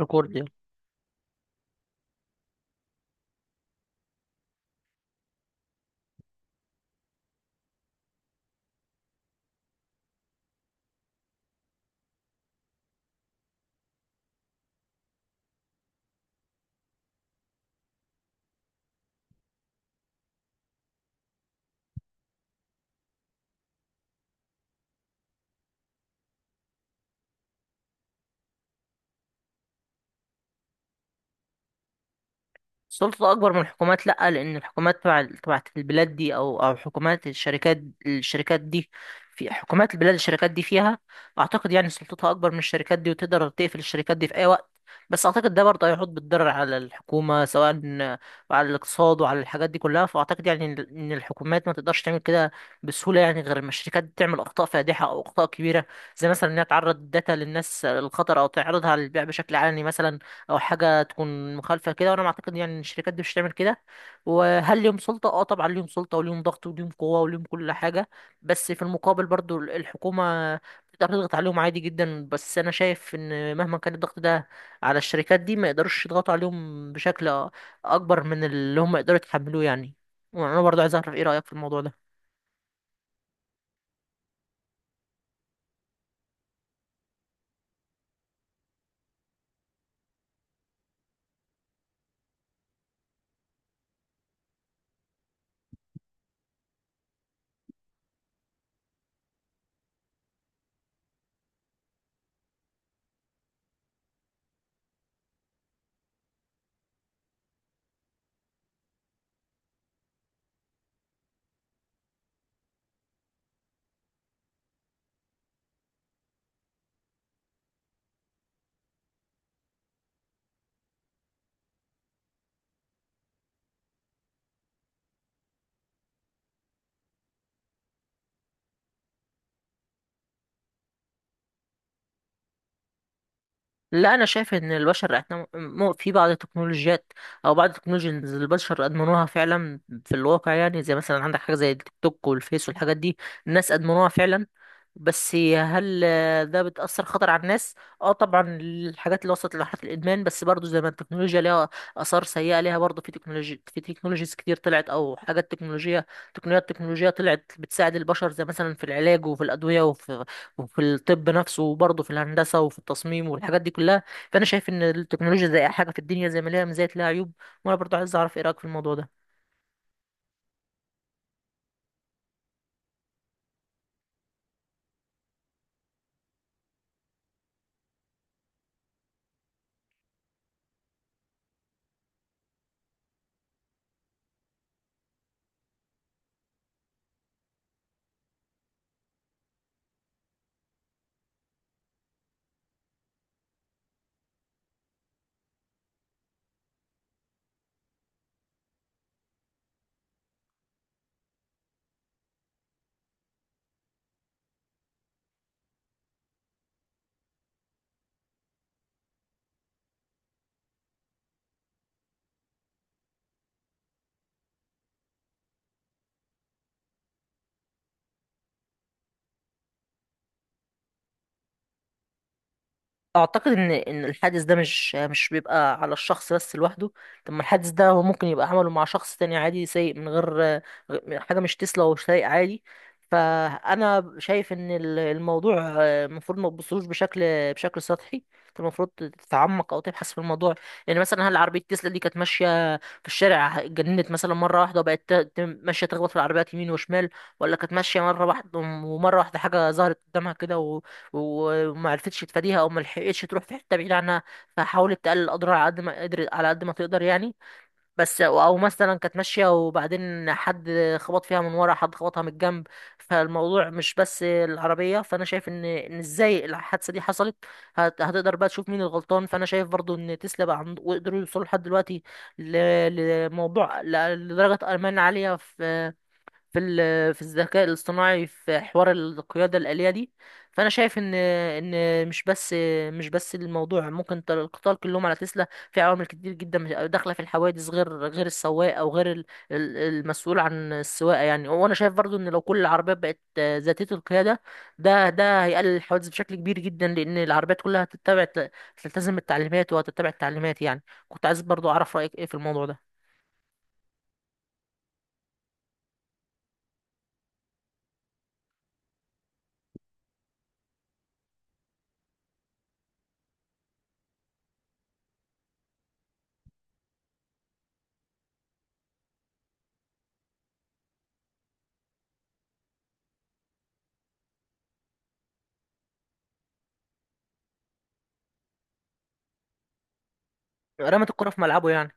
ريكورد يعني. السلطة أكبر من الحكومات، لأ، لأن الحكومات تبع تبعت البلاد دي أو حكومات الشركات دي في حكومات البلاد الشركات دي فيها، أعتقد يعني سلطتها أكبر من الشركات دي، وتقدر تقفل الشركات دي في أي وقت. بس أعتقد ده برضه هيحط بالضرر على الحكومة، سواء على الاقتصاد وعلى الحاجات دي كلها. فأعتقد يعني إن الحكومات ما تقدرش تعمل كده بسهولة يعني، غير ما الشركات تعمل أخطاء فادحة أو أخطاء كبيرة، زي مثلا إنها تعرض الداتا للناس للخطر، أو تعرضها للبيع بشكل علني مثلا، او حاجه تكون مخالفه كده. وانا معتقد يعني ان الشركات دي مش هتعمل كده. وهل ليهم سلطه؟ اه طبعا ليهم سلطه، وليهم ضغط، وليهم قوه، وليهم كل حاجه. بس في المقابل برضو الحكومه تقدر تضغط عليهم عادي جدا. بس انا شايف ان مهما كان الضغط ده على الشركات دي، ما يقدروش يضغطوا عليهم بشكل اكبر من اللي هم يقدروا يتحملوه يعني. وانا برضو عايز اعرف ايه رايك في الموضوع ده. لا، انا شايف ان البشر احنا في بعض التكنولوجيات او بعض التكنولوجيز، البشر ادمنوها فعلا في الواقع يعني. زي مثلا عندك حاجه زي التيك توك والفيس والحاجات دي، الناس ادمنوها فعلا. بس هل ده بتأثر خطر على الناس؟ اه طبعا، الحاجات اللي وصلت لمرحلة الإدمان. بس برضو زي ما التكنولوجيا ليها آثار سيئة، ليها برضو في تكنولوجيز كتير طلعت، أو حاجات تكنولوجية، تقنيات تكنولوجية طلعت بتساعد البشر، زي مثلا في العلاج وفي الأدوية وفي الطب نفسه، وبرضو في الهندسة وفي التصميم والحاجات دي كلها. فأنا شايف إن التكنولوجيا زي أي حاجة في الدنيا، زي ما ليها مزايا ليها عيوب. وأنا برضو عايز أعرف إيه رأيك في الموضوع ده. اعتقد ان الحادث ده مش بيبقى على الشخص بس لوحده. طب ما الحادث ده هو ممكن يبقى عمله مع شخص تاني عادي سايق، من غير حاجه مش تسلا ومش سايق عادي. فانا شايف ان الموضوع المفروض ما تبصلوش بشكل بشكل سطحي، انت المفروض تتعمق او تبحث في الموضوع. يعني مثلا هل عربيه تسلا دي كانت ماشيه في الشارع اتجننت مثلا مره واحده، وبقت ماشيه تخبط في العربيات يمين وشمال؟ ولا كانت ماشيه، مره واحده ومره واحده حاجه ظهرت قدامها كده وما عرفتش تفاديها او ما لحقتش تروح في حته بعيده عنها، فحاولت تقلل الاضرار على قد ما قدرت على قد ما تقدر يعني؟ بس او مثلا كانت ماشيه وبعدين حد خبط فيها من ورا، حد خبطها من الجنب. فالموضوع مش بس العربيه. فانا شايف ان ان ازاي الحادثه دي حصلت، هتقدر بقى تشوف مين الغلطان. فانا شايف برضو ان تسلا بقى عند... وقدروا يوصلوا لحد دلوقتي ل... لموضوع ل... لدرجه امان عاليه في في في الذكاء الاصطناعي في حوار القيادة الآلية دي. فأنا شايف إن إن مش بس، مش بس الموضوع ممكن القطار كلهم على تسلا، في عوامل كتير جدا داخلة في الحوادث غير غير السواق أو غير ال- المسؤول عن السواقة يعني. وأنا شايف برضو إن لو كل العربيات بقت ذاتية القيادة، ده ده هيقلل الحوادث بشكل كبير جدا، لأن العربيات كلها هتتبع، تلتزم التعليمات وهتتبع التعليمات يعني. كنت عايز برضو أعرف رأيك إيه في الموضوع ده. رمت الكرة في ملعبه يعني.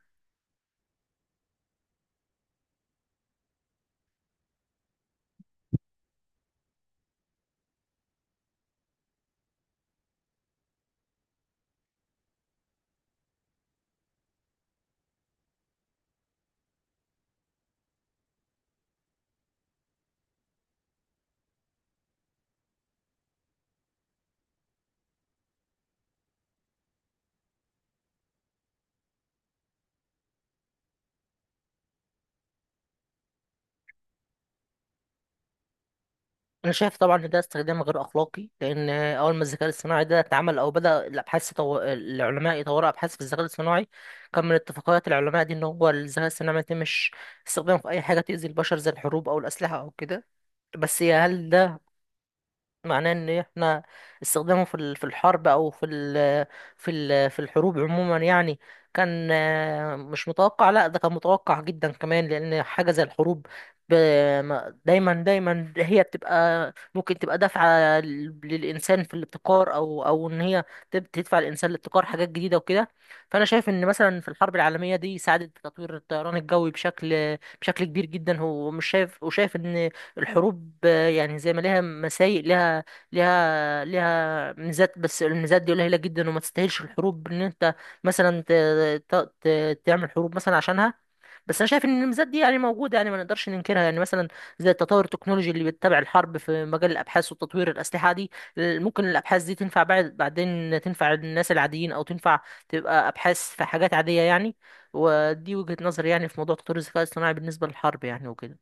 انا شايف طبعا ان ده استخدام غير اخلاقي، لان اول ما الذكاء الاصطناعي ده اتعمل او بدا الابحاث، العلماء يطوروا ابحاث في الذكاء الاصطناعي، كان من اتفاقيات العلماء دي ان هو الذكاء الاصطناعي ما يتمش استخدامه في اي حاجه تؤذي البشر، زي الحروب او الاسلحه او كده. بس هل معناه ان احنا استخدامه في في الحرب او في ال في ال في الحروب عموما يعني كان مش متوقع؟ لا ده كان متوقع جدا كمان، لان حاجه زي الحروب دايما هي بتبقى، ممكن تبقى دافعه للانسان في الابتكار، او او ان هي تدفع الانسان لابتكار حاجات جديده وكده. فانا شايف ان مثلا في الحرب العالميه دي ساعدت في تطوير الطيران الجوي بشكل بشكل كبير جدا، هو مش شايف وشايف ان الحروب يعني زي ما ليها مسايق ليها، ليها ليها ميزات. بس الميزات دي قليلة جدا، وما تستاهلش الحروب ان انت مثلا ت... تعمل حروب مثلا عشانها. بس انا شايف ان الميزات دي يعني موجودة، يعني ما نقدرش ننكرها. يعني مثلا زي التطور التكنولوجي اللي بيتبع الحرب في مجال الابحاث وتطوير الاسلحة دي، ممكن الابحاث دي تنفع بعد بعدين، تنفع الناس العاديين، او تنفع تبقى ابحاث في حاجات عادية يعني. ودي وجهة نظري يعني في موضوع تطوير الذكاء الاصطناعي بالنسبة للحرب يعني وكده.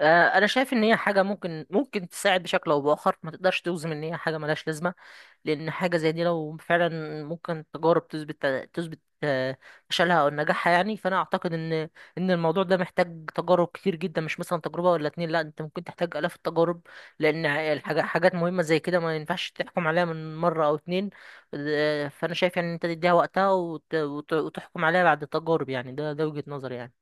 انا شايف ان هي حاجه ممكن تساعد بشكل او باخر، ما تقدرش توزم ان هي حاجه ملهاش لازمه. لان حاجه زي دي لو فعلا ممكن تجارب تثبت فشلها او نجاحها يعني. فانا اعتقد ان الموضوع ده محتاج تجارب كتير جدا، مش مثلا تجربه ولا اتنين، لا انت ممكن تحتاج الاف التجارب، لان الحاجه حاجات مهمه زي كده ما ينفعش تحكم عليها من مره او اتنين. فانا شايف يعني ان انت تديها وقتها وتحكم عليها بعد تجارب يعني. ده ده وجهه نظري يعني.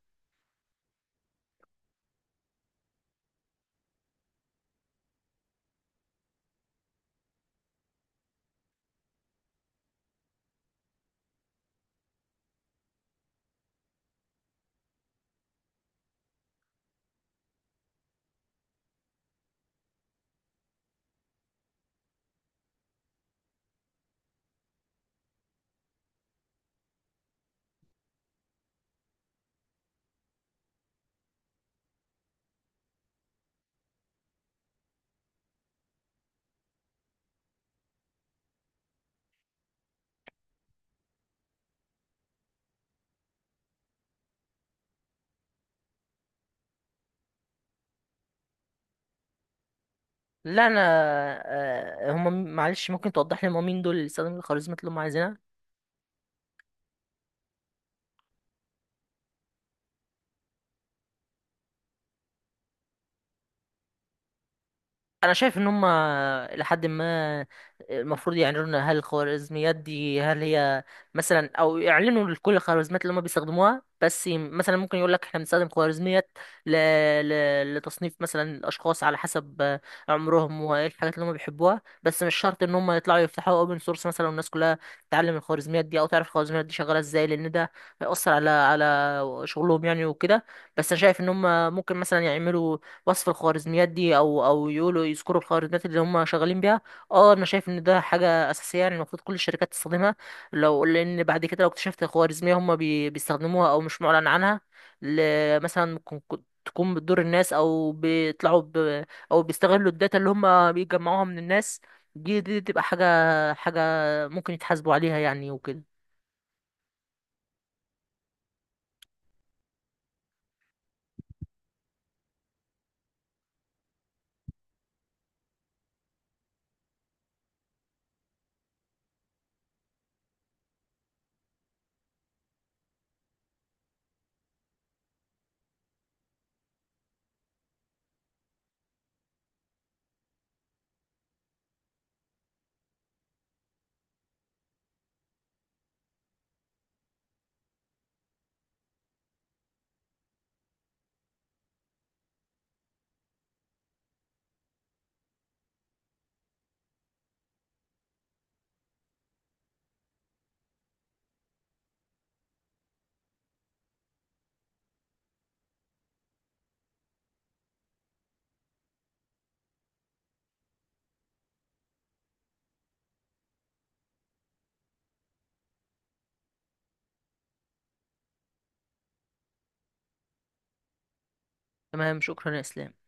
لا انا، هم معلش ممكن توضح لي هم مين دول اللي استخدموا الخوارزميات اللي هم عايزينها؟ انا شايف ان هم لحد ما، المفروض يعلنوا لنا هل الخوارزميات دي هل هي مثلا، او يعلنوا لكل الخوارزميات اللي هم بيستخدموها. بس مثلا ممكن يقول لك احنا بنستخدم خوارزميات ل... ل... لتصنيف مثلا الاشخاص على حسب عمرهم وايه الحاجات اللي هم بيحبوها، بس مش شرط ان هم يطلعوا يفتحوا اوبن سورس مثلا والناس كلها تتعلم الخوارزميات دي او تعرف الخوارزميات دي شغاله ازاي، لان ده هيأثر على على شغلهم يعني وكده. بس انا شايف ان هم ممكن مثلا يعملوا وصف الخوارزميات دي، او او يقولوا يذكروا الخوارزميات اللي هم شغالين بيها. اه انا شايف ان ده حاجه اساسيه يعني، المفروض كل الشركات تستخدمها. لو لان بعد كده لو اكتشفت خوارزميه هم بيستخدموها او مش معلن عنها، مثلا ممكن تكون بتضر الناس، او بيطلعوا ب... او بيستغلوا الداتا اللي هم بيجمعوها من الناس، دي دي تبقى حاجه ممكن يتحاسبوا عليها يعني وكده. تمام، شكرا يا اسلام.